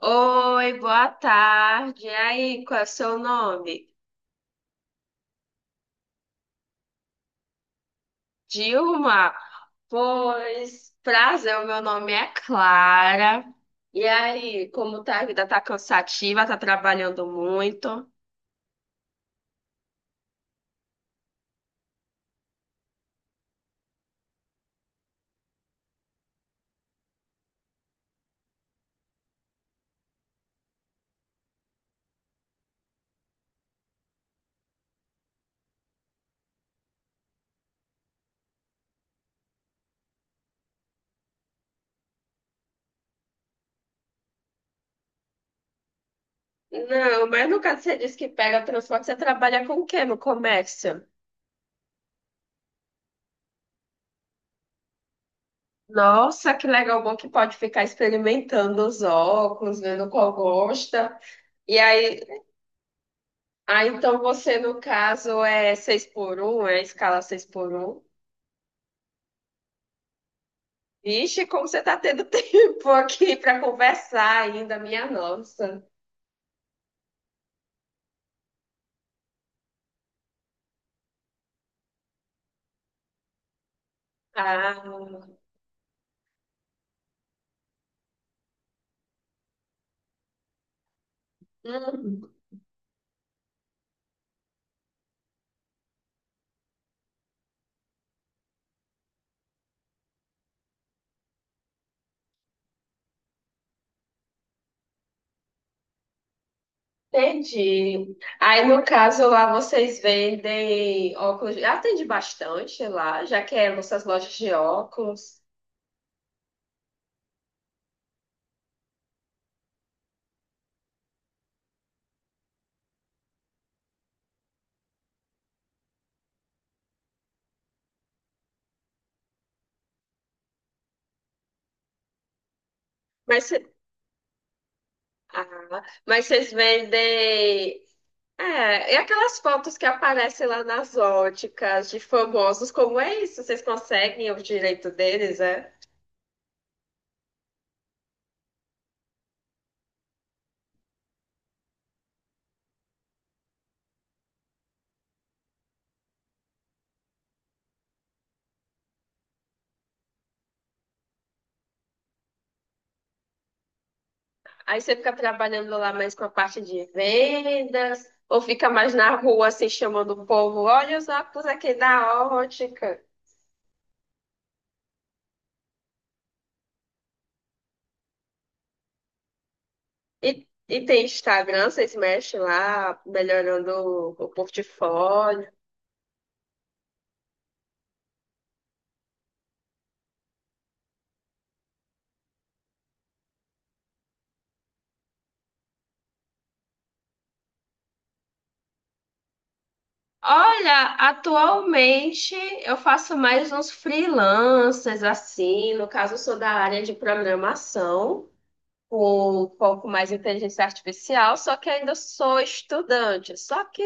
Oi, boa tarde. E aí, qual é o seu nome? Dilma? Pois, prazer, o meu nome é Clara. E aí, como tá a vida? Tá cansativa? Tá trabalhando muito? Não, mas no caso você disse que pega transporte, você trabalha com o quê no comércio? Nossa, que legal, bom que pode ficar experimentando os óculos, vendo qual gosta. E aí, ah, então você, no caso, é 6 por um, é a escala 6 por um? Vixe, como você está tendo tempo aqui para conversar ainda, minha nossa. Ah, hum, entendi. Aí, no caso, lá vocês vendem óculos. Eu Atende bastante lá, já que é nossas lojas de óculos. Mas, cê- mas vocês vendem. É, e aquelas fotos que aparecem lá nas óticas de famosos, como é isso? Vocês conseguem o direito deles, é? Aí você fica trabalhando lá mais com a parte de vendas, ou fica mais na rua assim chamando o povo, olha os óculos aqui da ótica. E tem Instagram, vocês mexem lá, melhorando o portfólio. Olha, atualmente eu faço mais uns freelancers assim, no caso eu sou da área de programação. Com foco mais em inteligência artificial, só que ainda sou estudante. Só que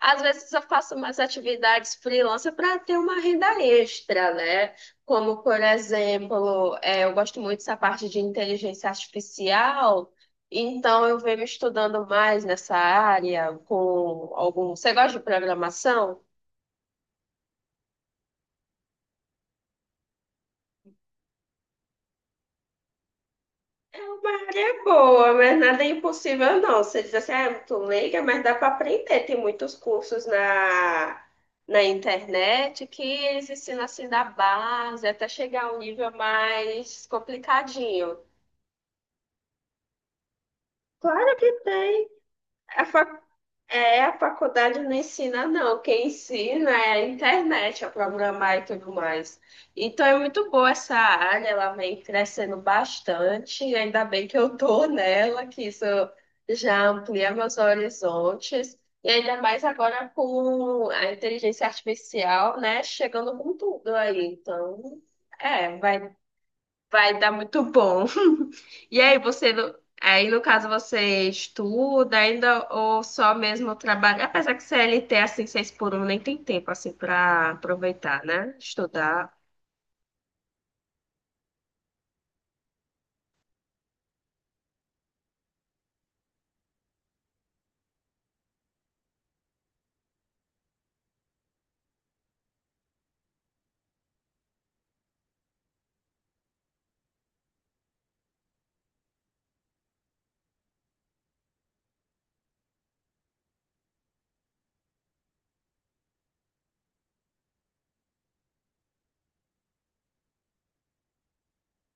às vezes eu faço umas atividades freelancer para ter uma renda extra, né? Como, por exemplo, é, eu gosto muito dessa parte de inteligência artificial, então eu venho estudando mais nessa área com algum. Você gosta de programação? É boa, mas nada é impossível, não. Você diz assim, ah, é muito leiga, mas dá para aprender. Tem muitos cursos na internet que eles ensinam assim da base até chegar a um nível mais complicadinho. Claro que tem. A É, a faculdade não ensina, não. Quem ensina é a internet a programar e tudo mais. Então é muito boa essa área, ela vem crescendo bastante, e ainda bem que eu tô nela, que isso já amplia meus horizontes. E ainda mais agora com a inteligência artificial, né, chegando com tudo aí. Então, é, vai dar muito bom. E aí você, aí no caso você estuda ainda ou só mesmo trabalha? Apesar que CLT assim, seis por um nem tem tempo assim para aproveitar, né? Estudar.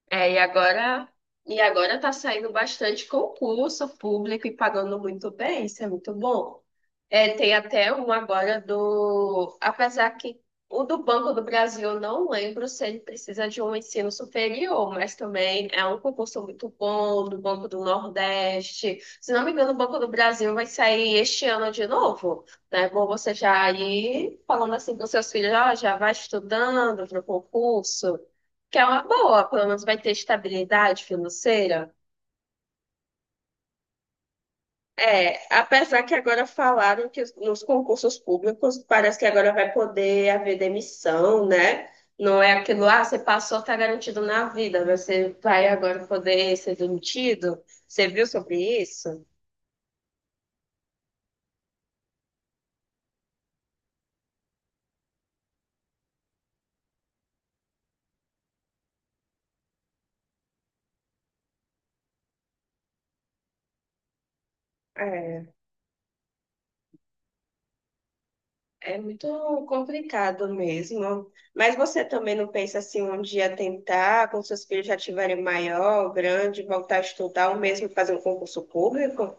É, e agora tá saindo bastante concurso público e pagando muito bem, isso é muito bom. É, tem até um agora do, apesar que o do Banco do Brasil, eu não lembro se ele precisa de um ensino superior, mas também é um concurso muito bom do Banco do Nordeste. Se não me engano, o Banco do Brasil vai sair este ano de novo, né? Bom, você já ir falando assim com seus filhos, ó, já vai estudando para o concurso. Que é uma boa, pelo menos vai ter estabilidade financeira. É, apesar que agora falaram que nos concursos públicos parece que agora vai poder haver demissão, né? Não é aquilo, ah, você passou, tá garantido na vida, mas você vai agora poder ser demitido. Você viu sobre isso? É, é, muito complicado mesmo. Mas você também não pensa assim um dia tentar, quando seus filhos já tiverem maior, grande, voltar a estudar ou mesmo fazer um concurso público?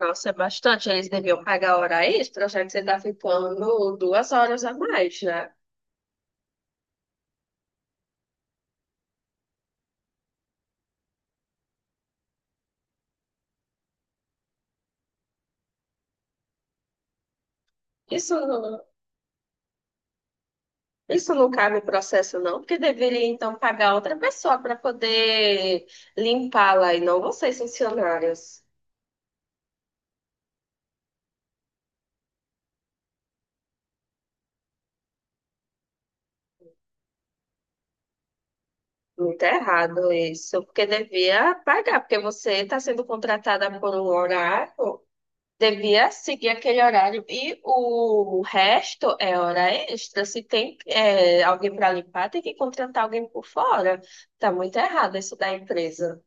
Nossa, é bastante. Eles deviam pagar hora extra, já que você está ficando 2 horas a mais, né? Isso não, isso não cabe no processo, não, porque deveria então pagar outra pessoa para poder limpá-la e não vocês, funcionários. Muito errado isso, porque devia pagar, porque você está sendo contratada por um horário. Devia seguir aquele horário. E o resto é hora extra. Se tem é, alguém para limpar, tem que contratar alguém por fora. Tá muito errado isso da empresa.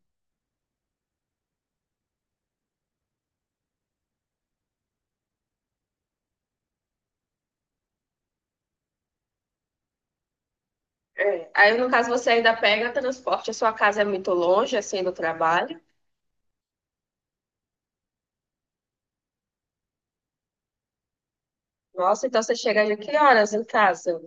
É. Aí, no caso, você ainda pega transporte, a sua casa é muito longe, assim, do trabalho. Nossa, então você chega de que horas em casa?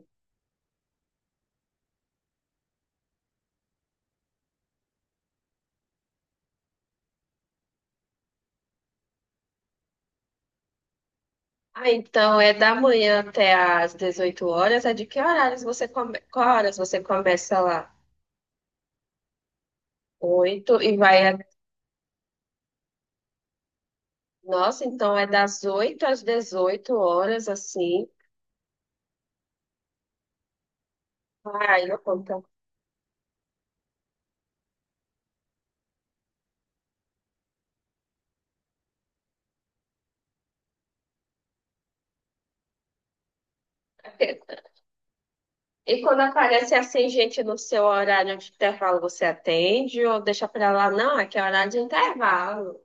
Ah, então é da manhã até às 18 horas. É de que horários você come... Qual horas você começa lá? 8 e vai. Nossa, então é das 8 às 18 horas, assim. Ai, não conta. E quando aparece assim, gente, no seu horário de intervalo, você atende ou deixa pra lá? Não, aqui é horário de intervalo.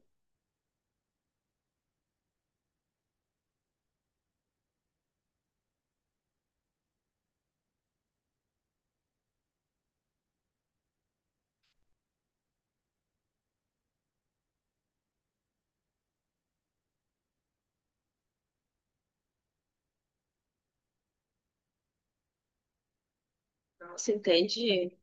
Nossa, entendi.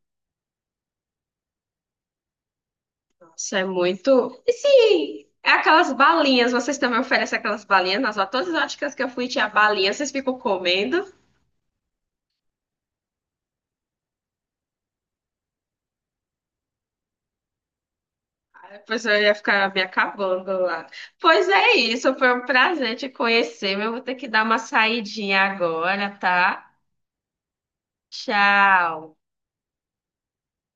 Nossa, é muito. E sim, é aquelas balinhas, vocês também oferecem aquelas balinhas? Nossa, todas as óticas que eu fui tinha balinha, vocês ficam comendo? Ai, depois eu ia ficar me acabando lá. Pois é isso, foi um prazer te conhecer, mas eu vou ter que dar uma saidinha agora, tá? Tchau.